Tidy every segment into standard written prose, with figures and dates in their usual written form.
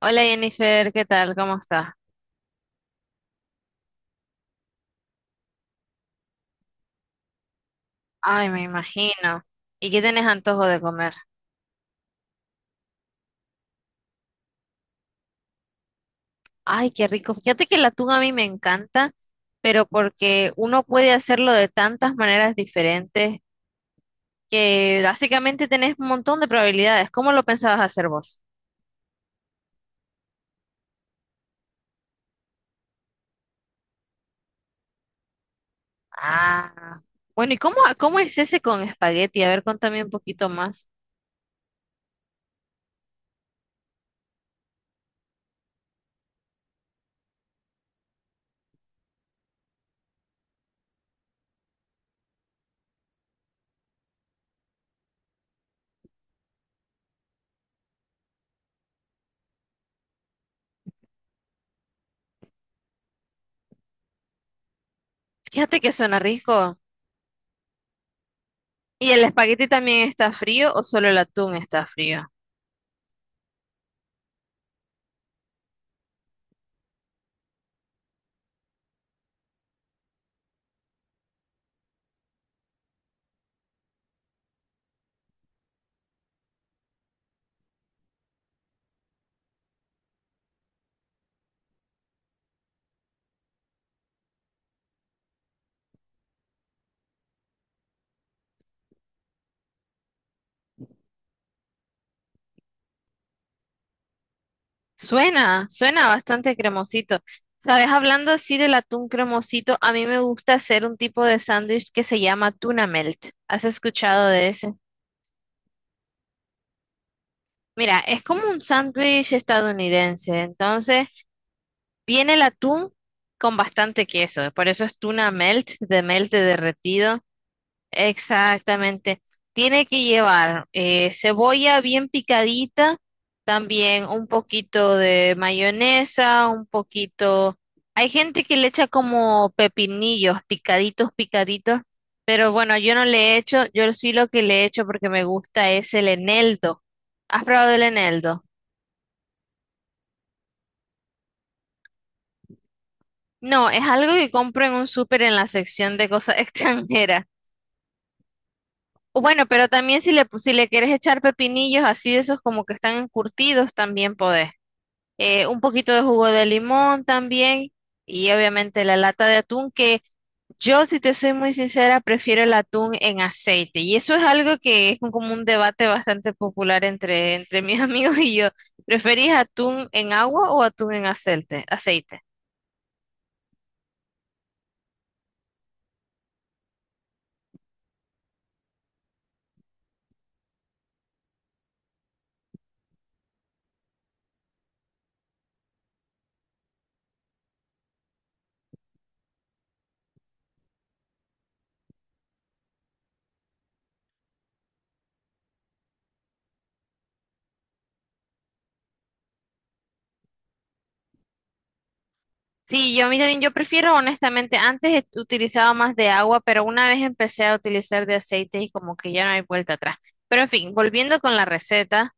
Hola Jennifer, ¿qué tal? ¿Cómo estás? Ay, me imagino. ¿Y qué tenés antojo de comer? Ay, qué rico. Fíjate que la atún a mí me encanta, pero porque uno puede hacerlo de tantas maneras diferentes que básicamente tenés un montón de probabilidades. ¿Cómo lo pensabas hacer vos? Ah, bueno, ¿y cómo es ese con espagueti? A ver, contame un poquito más. Fíjate que suena rico. ¿Y el espagueti también está frío o solo el atún está frío? Suena bastante cremosito. Sabes, hablando así del atún cremosito, a mí me gusta hacer un tipo de sándwich que se llama tuna melt. ¿Has escuchado de ese? Mira, es como un sándwich estadounidense. Entonces, viene el atún con bastante queso. Por eso es tuna melt de derretido. Exactamente. Tiene que llevar cebolla bien picadita, también un poquito de mayonesa, un poquito. Hay gente que le echa como pepinillos, picaditos, picaditos, pero bueno, yo no le echo, yo sí lo que le echo porque me gusta es el eneldo. ¿Has probado el eneldo? No, es algo que compro en un súper en la sección de cosas extranjeras. O bueno, pero también si le, pu- si le quieres echar pepinillos así de esos como que están encurtidos, también podés. Un poquito de jugo de limón también y obviamente la lata de atún que yo, si te soy muy sincera, prefiero el atún en aceite. Y eso es algo que es un- como un debate bastante popular entre mis amigos y yo. ¿Preferís atún en agua o atún en aceite? Aceite. Sí, yo a mí también, yo prefiero honestamente, antes he- utilizaba más de agua, pero una vez empecé a utilizar de aceite y como que ya no hay vuelta atrás. Pero en fin, volviendo con la receta,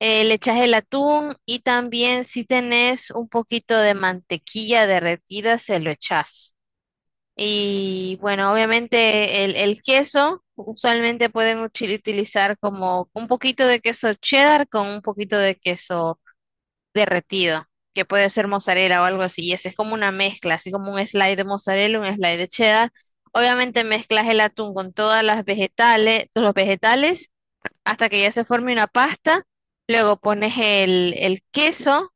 le echas el atún y también si tenés un poquito de mantequilla derretida, se lo echas. Y bueno, obviamente el queso, usualmente pueden uchi- utilizar como un poquito de queso cheddar con un poquito de queso derretido, que puede ser mozzarella o algo así, y ese es como una mezcla, así como un slide de mozzarella, un slide de cheddar. Obviamente mezclas el atún con todas las vegetales, todos los vegetales, hasta que ya se forme una pasta. Luego pones el queso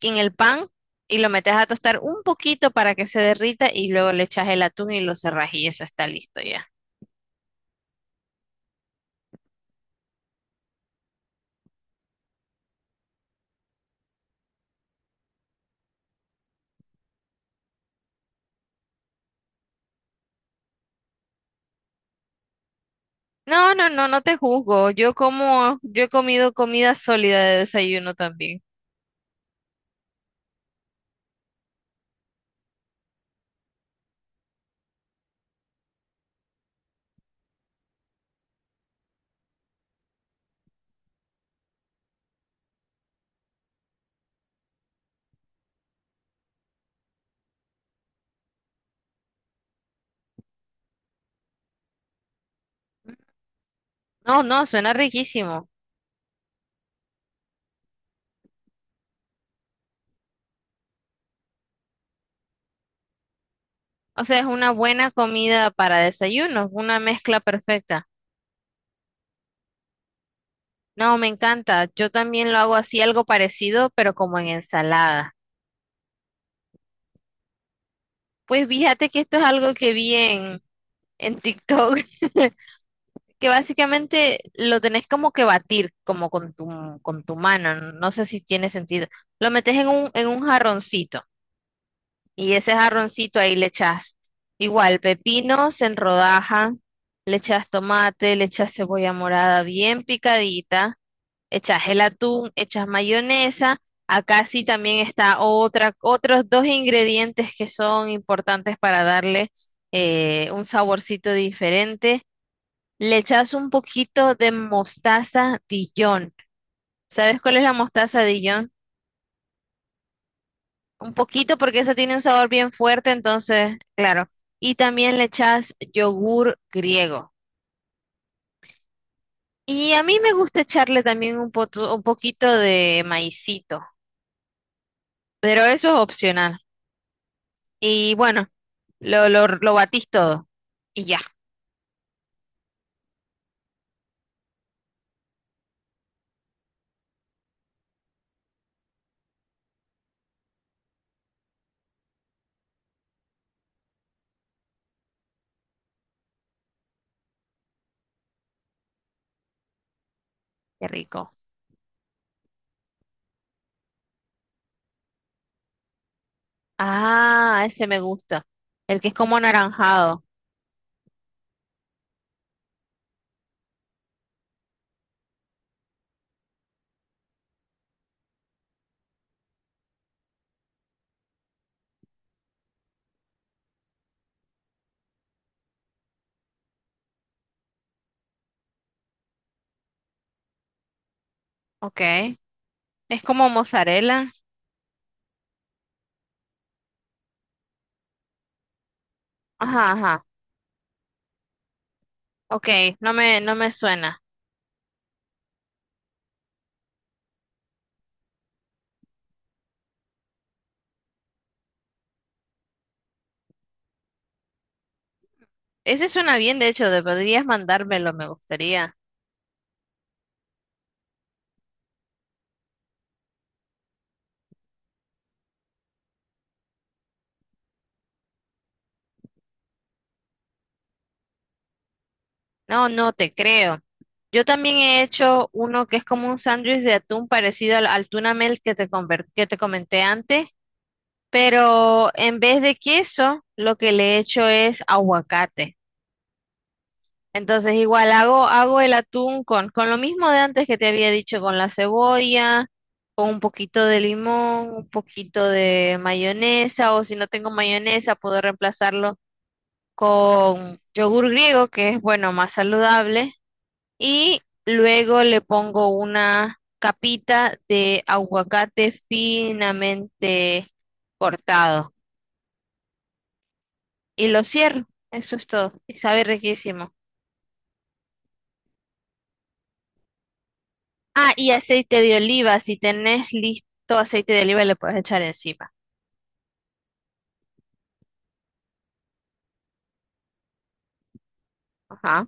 en el pan y lo metes a tostar un poquito para que se derrita y luego le echas el atún y lo cerras y eso está listo ya. No, no, no, no te juzgo. Yo como, yo he comido comida sólida de desayuno también. No, no, suena riquísimo. O sea, es una buena comida para desayuno, una mezcla perfecta. No, me encanta. Yo también lo hago así, algo parecido, pero como en ensalada. Pues fíjate que esto es algo que vi en TikTok, que básicamente lo tenés como que batir, como con con tu mano. No sé si tiene sentido. Lo metes en un jarroncito y ese jarroncito ahí le echas igual pepinos en rodaja, le echas tomate, le echas cebolla morada bien picadita, echas el atún, echas mayonesa. Acá sí también está otra, otros dos ingredientes que son importantes para darle un saborcito diferente. Le echas un poquito de mostaza Dijon. ¿Sabes cuál es la mostaza Dijon? Un poquito porque esa tiene un sabor bien fuerte, entonces, claro. Y también le echas yogur griego. Y a mí me gusta echarle también un, poto- un poquito de maicito, pero eso es opcional. Y bueno, lo batís todo. Y ya, qué rico. Ah, ese me gusta. El que es como anaranjado. Ok. Es como mozzarella. Ajá, ajá. Ok, no me suena. Ese suena bien, de hecho, de- podrías mandármelo, me gustaría. No, no te creo. Yo también he hecho uno que es como un sándwich de atún parecido al tuna melt que te, conver- que te comenté antes, pero en vez de queso, lo que le he hecho es aguacate. Entonces igual hago, hago el atún con lo mismo de antes que te había dicho, con la cebolla, con un poquito de limón, un poquito de mayonesa, o si no tengo mayonesa, puedo reemplazarlo con yogur griego, que es bueno, más saludable, y luego le pongo una capita de aguacate finamente cortado y lo cierro. Eso es todo. Y sabe riquísimo. Ah, y aceite de oliva, si tenés listo aceite de oliva, le puedes echar encima. Ajá.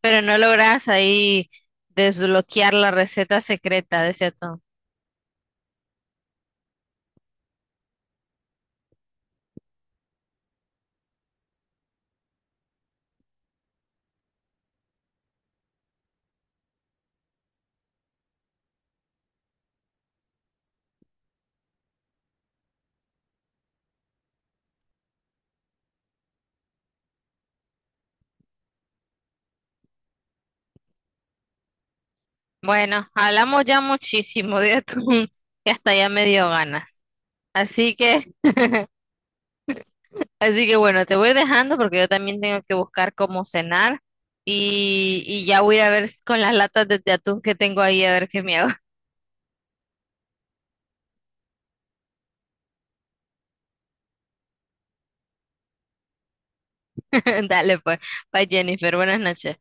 Pero no lográs ahí desbloquear la receta secreta de ese atún. Bueno, hablamos ya muchísimo de atún, que hasta ya me dio ganas. Así que, así que bueno, te voy dejando porque yo también tengo que buscar cómo cenar y ya voy a ir a ver s- con las latas de atún que tengo ahí a ver qué me hago. Dale pues, bye Jennifer, buenas noches.